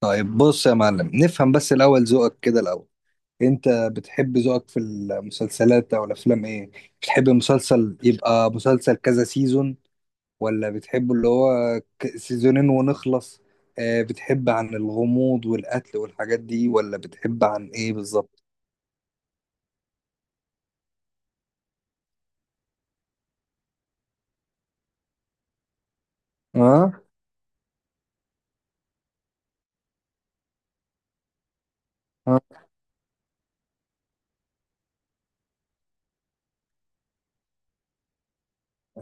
طيب بص يا معلم، نفهم بس الأول ذوقك كده الأول. أنت بتحب ذوقك في المسلسلات أو الأفلام إيه؟ بتحب المسلسل يبقى مسلسل كذا سيزون، ولا بتحبه اللي هو سيزونين ونخلص؟ آه، بتحب عن الغموض والقتل والحاجات دي ولا بتحب عن إيه بالظبط؟ آه آه.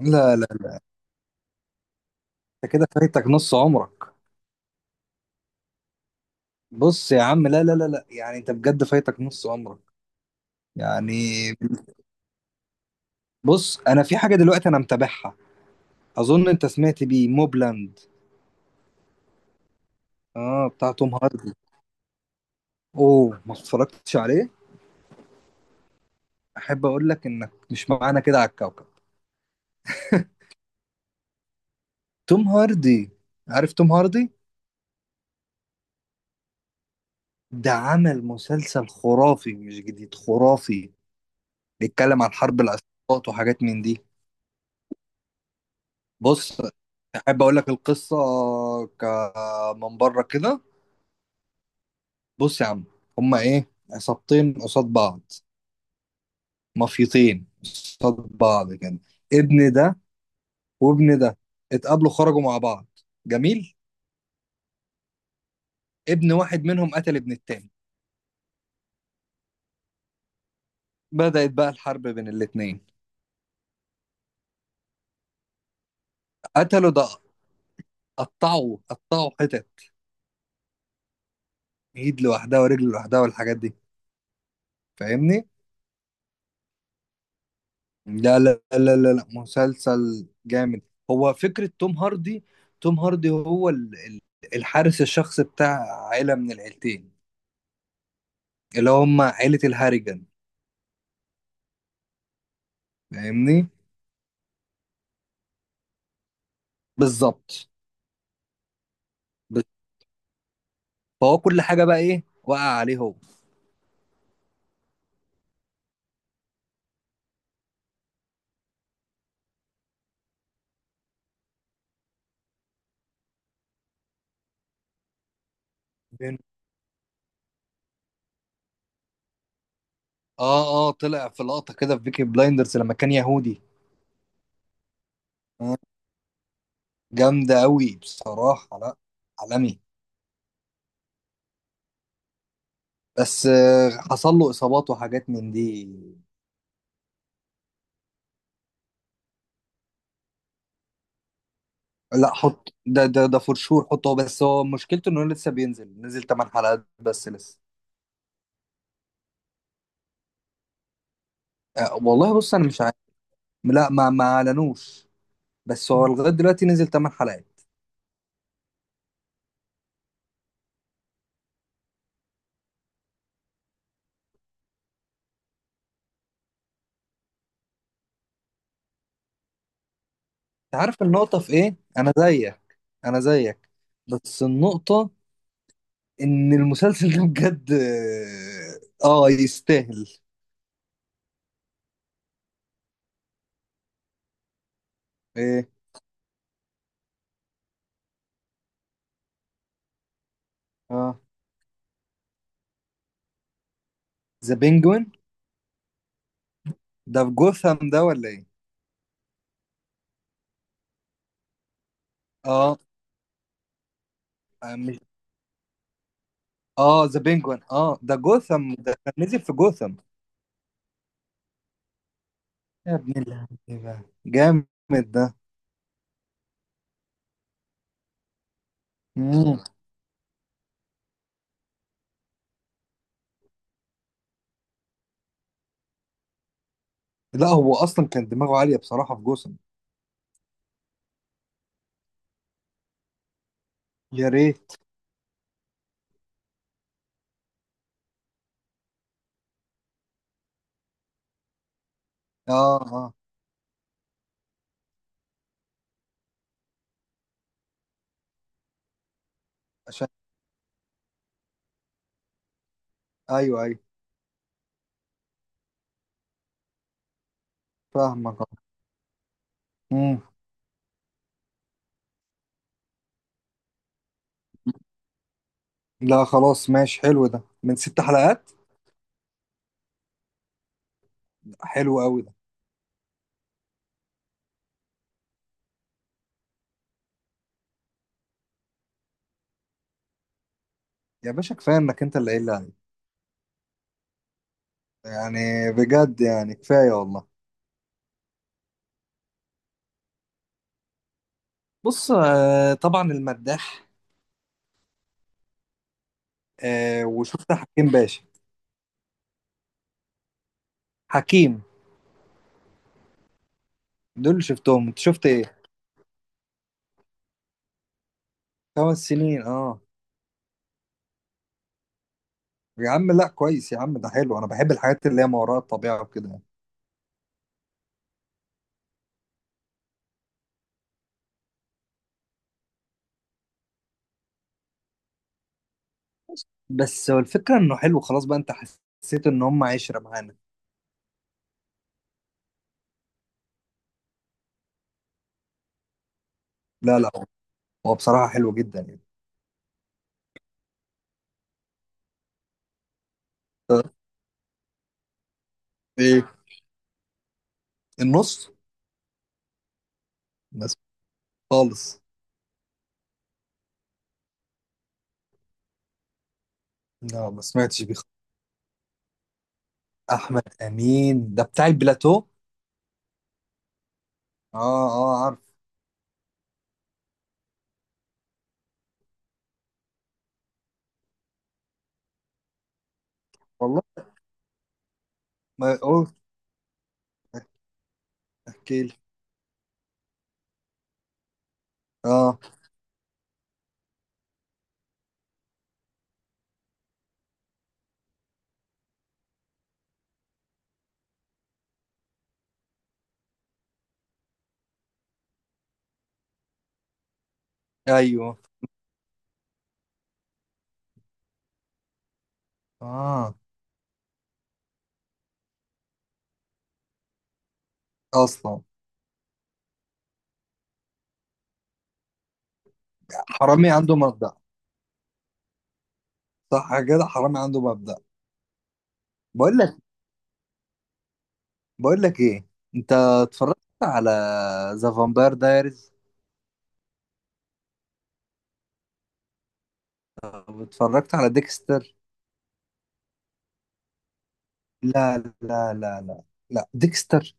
لا لا لا، أنت كده فايتك نص عمرك. بص يا عم، لا لا لا لا، يعني أنت بجد فايتك نص عمرك. يعني بص، أنا في حاجة دلوقتي أنا متابعها. اظن انت سمعت بيه، موبلاند. اه، بتاع توم هاردي. اوه، ما اتفرجتش عليه؟ احب اقول لك انك مش معانا كده على الكوكب. توم هاردي. عارف توم هاردي؟ ده عمل مسلسل خرافي، مش جديد خرافي. بيتكلم عن حرب العصابات وحاجات من دي. بص، احب اقول لك القصه ك- من بره كده. بص يا عم، هما ايه، عصابتين قصاد بعض، مافيتين قصاد بعض كده. ابن ده وابن ده اتقابلوا، خرجوا مع بعض، جميل. ابن واحد منهم قتل ابن التاني. بدأت بقى الحرب بين الاتنين. قتلوا ده، قطعوا قطعوا حتت، ايد لوحدها ورجل لوحدها والحاجات دي، فاهمني؟ لا لا لا لا لا، مسلسل جامد. هو فكرة توم هاردي، توم هاردي هو الحارس الشخصي بتاع عيلة من العيلتين، اللي هم عيلة الهاريجان. فاهمني؟ بالظبط. بس- فهو كل حاجة بقى ايه وقع عليه هو. اه اه، طلع في لقطة كده في بيكي بلايندرز لما كان يهودي. جامدة قوي بصراحة. لا، عالمي. بس آه، حصل له إصابات وحاجات من دي. لا، حط ده ده ده فور شور، حطه. بس هو مشكلته إنه لسه نزل 8 حلقات بس لسه. آه والله، بص أنا مش عارف. لا، ما أعلنوش. بس هو لغاية دلوقتي نزل 8 حلقات. أنت عارف النقطة في إيه؟ أنا زيك، أنا زيك. بس النقطة إن المسلسل ده بجد آه آه، يستاهل. آه، اه، ذا بينجوين. ده في جوثام ده ولا ايه؟ اه. آه، مش. اه، ذا بينجوين، اه، ده جوثام، ده كان نزل في جوثام. يا ابن اللعيبه، جامد ده. مم. لا، هو اصلا كان دماغه عاليه بصراحه في جوثام. يا ريت. اه اه. عشان. ايوه ايوه. فاهمك، اه. مم. لا خلاص ماشي، حلو ده، من ست حلقات. حلو قوي ده. يا باشا، كفايه انك انت اللي قايل لي عليه. يعني بجد، يعني كفايه والله. بص آه، طبعا المداح. آه، وشفت حكيم باشا. حكيم. دول اللي شفتهم، انت شفت ايه؟ خمس سنين، اه. يا عم، لا كويس يا عم، ده حلو، انا بحب الحاجات اللي هي ما وراء الطبيعه وكده يعني. بس هو الفكره انه حلو، خلاص بقى انت حسيت ان هم عشره معانا. لا لا، هو بصراحه حلو جدا يعني. ايه، النص. بس خالص. لا ما سمعتش بيه خالص. احمد امين ده بتاع البلاتو. اه اه، عارف. والله، ما قلت. احكي لي. اه. ايوه. اه اصلا. حرامي عنده مبدأ. صح كده، حرامي عنده مبدأ. بقول بقول لك ايه، انت اتفرجت على ذا فامباير دايريز؟ او اتفرجت على ديكستر؟ لا لا لا لا، لا ديكستر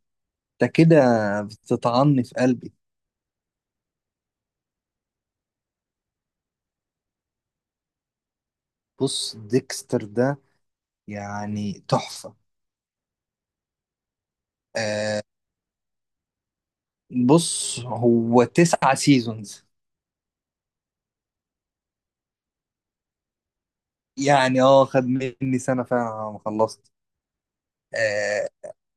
ده كده بتطعني في قلبي. بص، ديكستر ده يعني تحفة. آه. بص، هو تسعة سيزونز. يعني اه، خد مني سنة فعلا على ما خلصت. آه.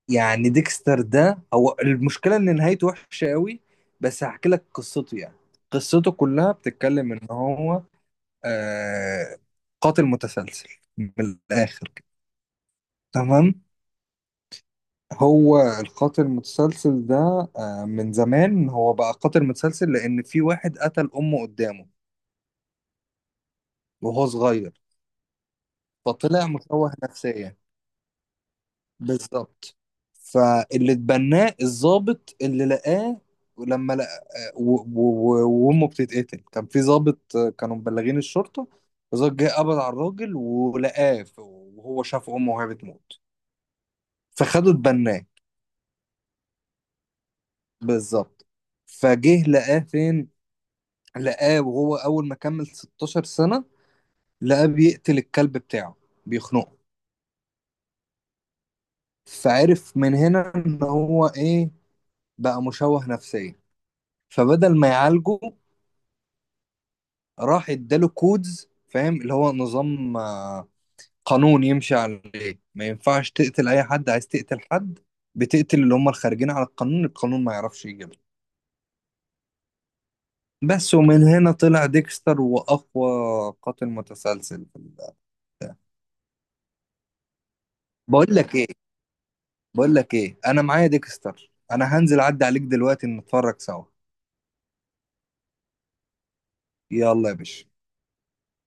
يعني ديكستر ده، هو المشكلة ان نهايته وحشة قوي. بس هحكي لك قصته يعني. قصته كلها بتتكلم ان هو آه، قاتل متسلسل، من الآخر كده. تمام. هو القاتل المتسلسل ده، آه، من زمان هو بقى قاتل متسلسل، لأن في واحد قتل أمه قدامه وهو صغير، فطلع مشوه نفسيا. بالظبط. فاللي اتبناه الضابط اللي لقاه، لما لقى آه، وامه بتتقتل، كان في ضابط آه، كانوا مبلغين الشرطه. الضابط جه قبض على الراجل ولقاه وهو شاف امه وهي بتموت، فخدوا اتبناه. بالظبط. فجه لقاه فين، لقاه وهو اول ما كمل 16 سنة، لقاه بيقتل الكلب بتاعه، بيخنقه. فعرف من هنا ان هو ايه، بقى مشوه نفسيا. فبدل ما يعالجه، راح اداله كودز، فاهم؟ اللي هو نظام آه، قانون يمشي عليه، ما ينفعش تقتل اي حد، عايز تقتل حد بتقتل اللي هم الخارجين على القانون، القانون ما يعرفش يجيبها. بس، ومن هنا طلع ديكستر واقوى قاتل متسلسل في. بقول لك ايه بقول لك ايه، انا معايا ديكستر، انا هنزل اعدي عليك دلوقتي نتفرج سوا. يلا يا باشا.